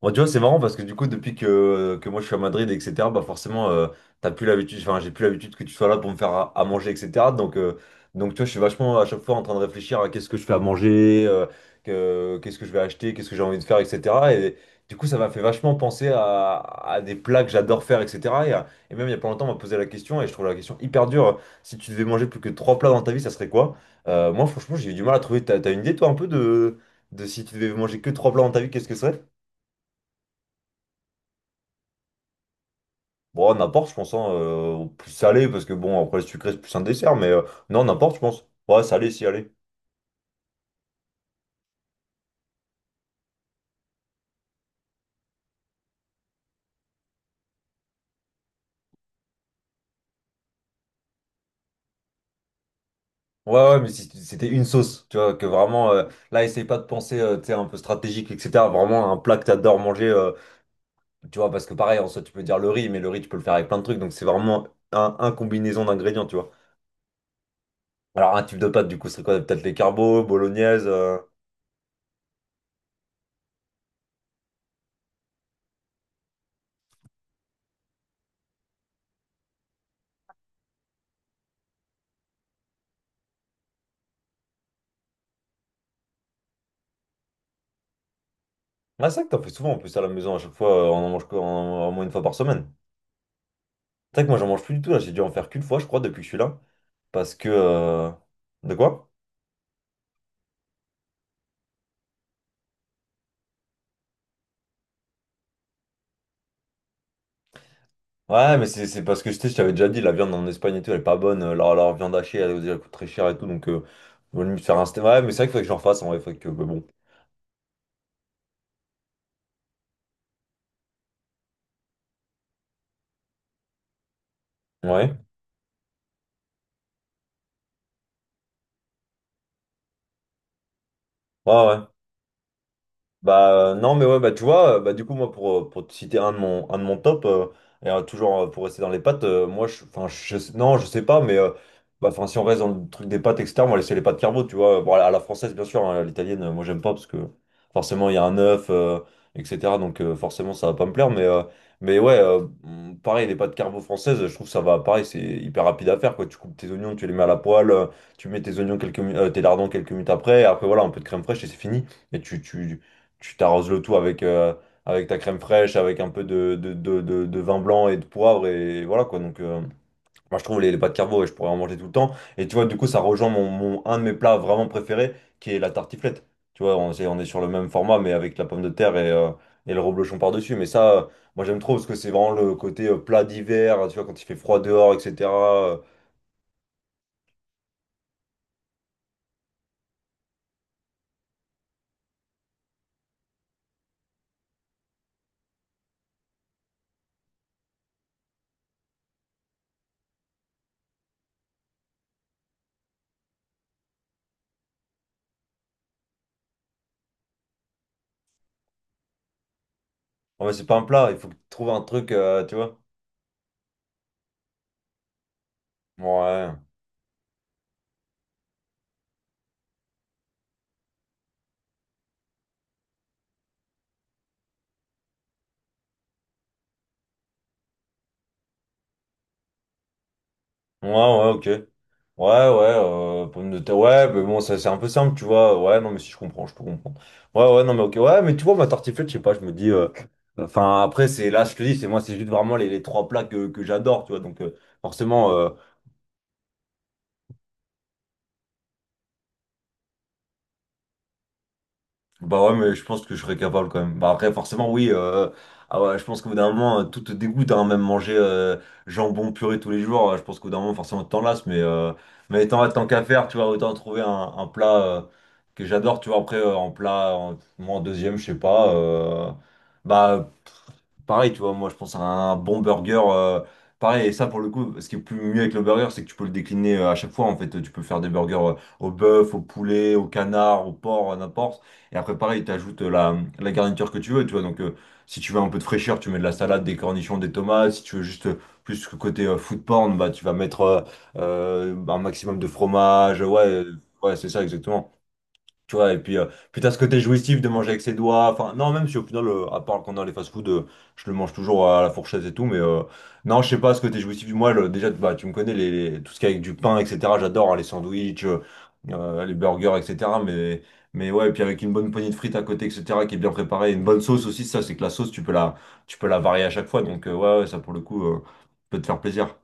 Bon, tu vois, c'est marrant parce que du coup, depuis que moi je suis à Madrid, etc., bah forcément, t'as plus l'habitude, enfin, j'ai plus l'habitude que tu sois là pour me faire à manger, etc. Donc, euh, donc, tu vois, je suis vachement à chaque fois en train de réfléchir à qu'est-ce que je fais à manger, qu'est-ce que je vais acheter, qu'est-ce que j'ai envie de faire, etc. Et du coup, ça m'a fait vachement penser à des plats que j'adore faire, etc. Et même il y a pas longtemps, on m'a posé la question et je trouve la question hyper dure. Si tu devais manger plus que trois plats dans ta vie, ça serait quoi? Moi, franchement, j'ai eu du mal à trouver. T'as une idée, toi, un peu de si tu devais manger que trois plats dans ta vie, qu'est-ce que ce serait? Bon, n'importe, je pense, hein, plus salé, parce que bon, après le sucré, c'est plus un dessert, mais non, n'importe, je pense. Ouais, salé, si, allez. Ouais, ouais, mais si c'était une sauce, tu vois, que vraiment, là, essaye pas de penser, tu sais, un peu stratégique, etc. Vraiment, un plat que t'adores manger, tu vois, parce que pareil, en soi, tu peux dire le riz, mais le riz, tu peux le faire avec plein de trucs, donc c'est vraiment un combinaison d'ingrédients, tu vois. Alors, un type de pâte, du coup, c'est quoi? Peut-être les carbos, bolognaise. Ah, c'est vrai que t'en fais souvent, en plus, à la maison, à chaque fois, on en mange quoi, au moins une fois par semaine. C'est vrai que moi, j'en mange plus du tout, là, j'ai dû en faire qu'une fois, je crois, depuis que je suis là. Parce que. De quoi? Ouais, mais c'est parce que je sais, je t'avais déjà dit, la viande en Espagne et tout, elle est pas bonne. Leur viande hachée, elle coûte très cher et tout. Donc, vaut mieux faire un steak. Ouais, mais c'est vrai qu'il faudrait que j'en fasse en vrai. Faudrait que. Mais bon. Ouais. Ouais, ouais. Bah non mais ouais, bah tu vois, bah du coup moi pour te citer un de mon top, et toujours, pour rester dans les pâtes, moi je, enfin, non, je sais pas, mais bah, enfin, si on reste dans le truc des pâtes, etc., moi c'est les pâtes carbo, tu vois, bon, à la française, bien sûr, hein. À l'italienne, moi j'aime pas parce que forcément il y a un œuf, etc., donc forcément ça va pas me plaire, mais ouais, pareil, les pâtes carbo françaises, je trouve que ça va. Pareil, c'est hyper rapide à faire, quoi. Tu coupes tes oignons, tu les mets à la poêle, tu mets tes oignons quelques tes lardons quelques minutes après, et après voilà, un peu de crème fraîche et c'est fini. Et tu t'arroses le tout avec ta crème fraîche, avec un peu de vin blanc et de poivre, et voilà quoi. Donc, moi je trouve les pâtes carbo, et je pourrais en manger tout le temps. Et tu vois, du coup, ça rejoint un de mes plats vraiment préférés, qui est la tartiflette. Tu vois, on est sur le même format, mais avec la pomme de terre et le reblochon par-dessus. Mais ça, moi j'aime trop, parce que c'est vraiment le côté plat d'hiver, tu vois, quand il fait froid dehors, etc. Euh, ouais, c'est pas un plat, il faut trouver un truc, tu vois. Ouais. Ouais, ouais, ok. Ouais, ouais, pommes de terre. Ouais, mais bon, ça, c'est un peu simple, tu vois. Ouais, non, mais si je comprends, je peux comprendre. Ouais, ouais, non, mais ok. Ouais, mais tu vois, ma tartiflette, je sais pas, je me dis. Enfin, après, c'est là, je te dis, c'est moi, c'est juste vraiment les trois plats que j'adore, tu vois. Donc, forcément, bah ouais, mais je pense que je serais capable quand même. Bah après, forcément, oui. Ah ouais, je pense qu'au bout d'un moment, tout te dégoûte, hein, même manger jambon puré tous les jours. Je pense qu'au bout d'un moment, forcément, tu t'en lasses. Mais tant qu'à faire, tu vois, autant trouver un plat que j'adore. Tu vois, après, en plat, moi, en deuxième, je sais pas. Bah, pareil, tu vois, moi je pense à un bon burger. Pareil, et ça pour le coup, ce qui est plus mieux avec le burger, c'est que tu peux le décliner à chaque fois. En fait, tu peux faire des burgers au bœuf, au poulet, au canard, au porc, à n'importe. Et après, pareil, t'ajoutes la garniture que tu veux, tu vois. Donc, si tu veux un peu de fraîcheur, tu mets de la salade, des cornichons, des tomates. Si tu veux juste plus que côté food porn, bah, tu vas mettre un maximum de fromage. Ouais, ouais, c'est ça, exactement. Tu vois, et puis t'as ce côté jouissif de manger avec ses doigts. Enfin, non, même si au final, à part quand dans les fast-food, je le mange toujours à la fourchette et tout, mais non, je sais pas, ce côté jouissif. Moi, déjà, bah, tu me connais, les, tout ce qui est avec du pain, etc. J'adore hein, les sandwichs, les burgers, etc. Mais ouais, et puis avec une bonne poignée de frites à côté, etc., qui est bien préparée, une bonne sauce aussi, ça, c'est que la sauce, tu peux la varier à chaque fois. Donc, ouais, ouais, ça, pour le coup, peut te faire plaisir.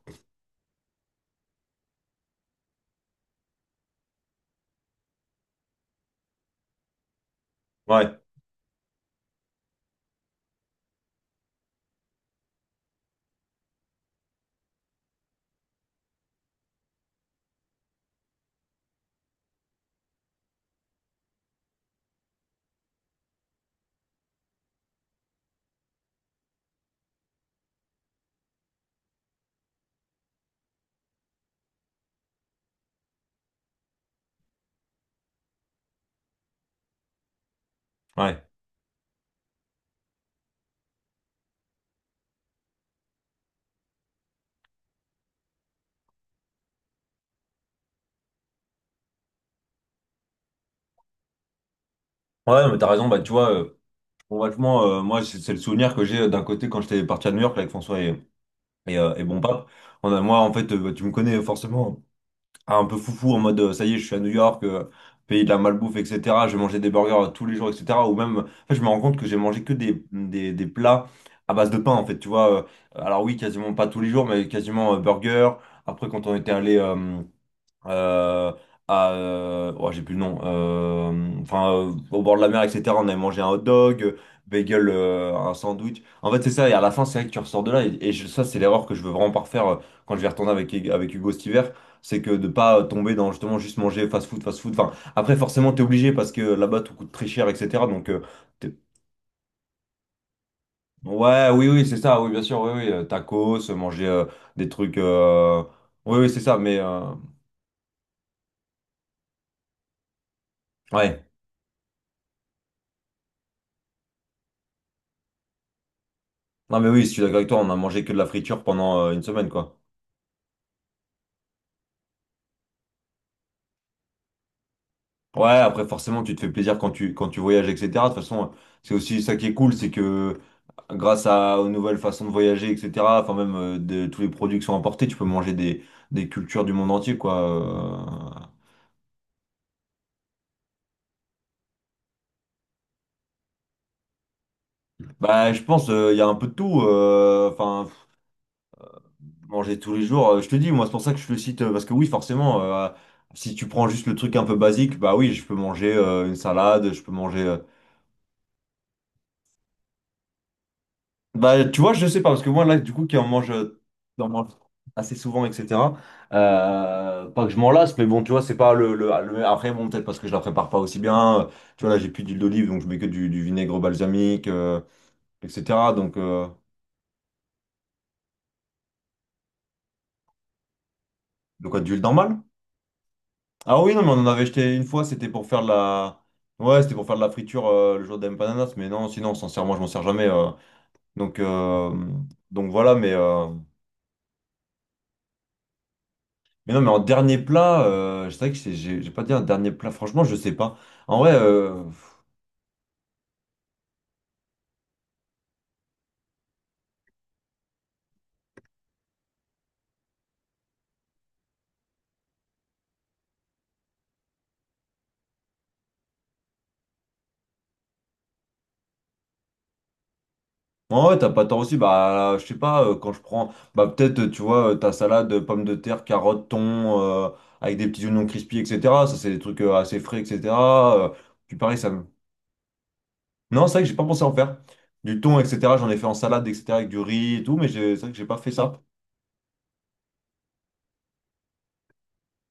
Ouais, ouais. Ouais, non, mais t'as raison, bah, tu vois. Bon, vachement, moi, c'est le souvenir que j'ai d'un côté quand j'étais parti à New York là, avec François et Bon Pape. On a, moi, en fait, tu me connais forcément hein, un peu foufou en mode ça y est, je suis à New York, pays de la malbouffe, etc. Je vais manger des burgers tous les jours, etc. Ou même, en fait, je me rends compte que j'ai mangé que des plats à base de pain, en fait, tu vois. Alors, oui, quasiment pas tous les jours, mais quasiment burger. Après, quand on était allé. Euh, à, oh, j'ai plus le nom, enfin, au bord de la mer, etc. On avait mangé un hot dog, bagel, un sandwich. En fait, c'est ça, et à la fin, c'est vrai que tu ressors de là, et ça, c'est l'erreur que je veux vraiment pas refaire quand je vais retourner avec Hugo cet hiver, c'est que de pas tomber dans justement juste manger fast food, fast food. Enfin, après, forcément, t'es obligé parce que là-bas, tout coûte très cher, etc. Donc, t'es- ouais, oui, oui, c'est ça, oui, bien sûr, oui, oui, tacos, manger des trucs, oui, oui, c'est ça, mais, ouais. Non mais oui, je suis d'accord avec toi, on a mangé que de la friture pendant une semaine quoi. Ouais, après forcément tu te fais plaisir quand tu voyages, etc. De toute façon, c'est aussi ça qui est cool, c'est que grâce aux nouvelles façons de voyager, etc. Enfin même de tous les produits qui sont importés, tu peux manger des cultures du monde entier quoi. Bah je pense, il y a un peu de tout. Enfin manger tous les jours, je te dis, moi c'est pour ça que je le cite, parce que oui, forcément, si tu prends juste le truc un peu basique, bah oui je peux manger une salade, je peux manger. Bah, tu vois, je sais pas, parce que moi, là, du coup, qui en mange assez souvent, etc. Pas que je m'en lasse, mais bon, tu vois, c'est pas après, bon, peut-être parce que je la prépare pas aussi bien. Tu vois, là, j'ai plus d'huile d'olive, donc je mets que du vinaigre balsamique, etc. Donc, de quoi, d'huile normale? Ah oui, non, mais on en avait acheté une fois, c'était pour faire de la. Ouais, c'était pour faire de la friture le jour des empanadas, mais non, sinon, sincèrement, je m'en sers jamais. Donc, euh, donc voilà, mais non, mais en dernier plat, c'est vrai que j'ai pas dit un dernier plat, franchement, je sais pas. En vrai, euh, en vrai, t'as pas tort aussi, bah, je sais pas, quand je prends, bah, peut-être, tu vois, ta salade, pommes de terre, carottes, thon, avec des petits oignons crispy, etc. Ça, c'est des trucs assez frais, etc. Euh, puis pareil, ça me... Non, c'est vrai que j'ai pas pensé à en faire. Du thon, etc. J'en ai fait en salade, etc. avec du riz et tout, mais c'est vrai que j'ai pas fait ça.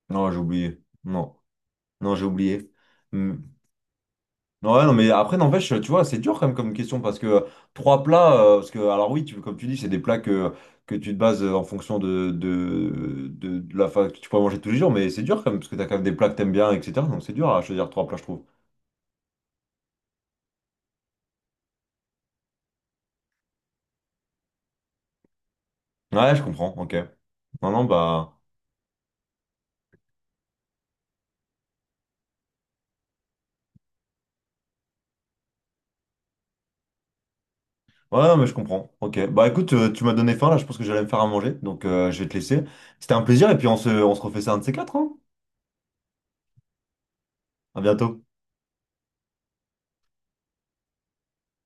Non, j'ai oublié. Non, non, j'ai oublié. Ouais, non, mais après, n'empêche, tu vois, c'est dur quand même comme question parce que trois plats, parce que, alors oui, comme tu dis, c'est des plats que tu te bases en fonction de la faim que tu pourrais manger tous les jours, mais c'est dur quand même parce que t'as quand même des plats que t'aimes bien, etc. Donc c'est dur à choisir trois plats, je trouve. Ouais, je comprends, ok. Non, non, bah. Ouais, non, mais je comprends, ok. Bah écoute, tu m'as donné faim là, je pense que j'allais me faire à manger, donc je vais te laisser. C'était un plaisir et puis on se refait ça un de ces quatre, hein. À bientôt.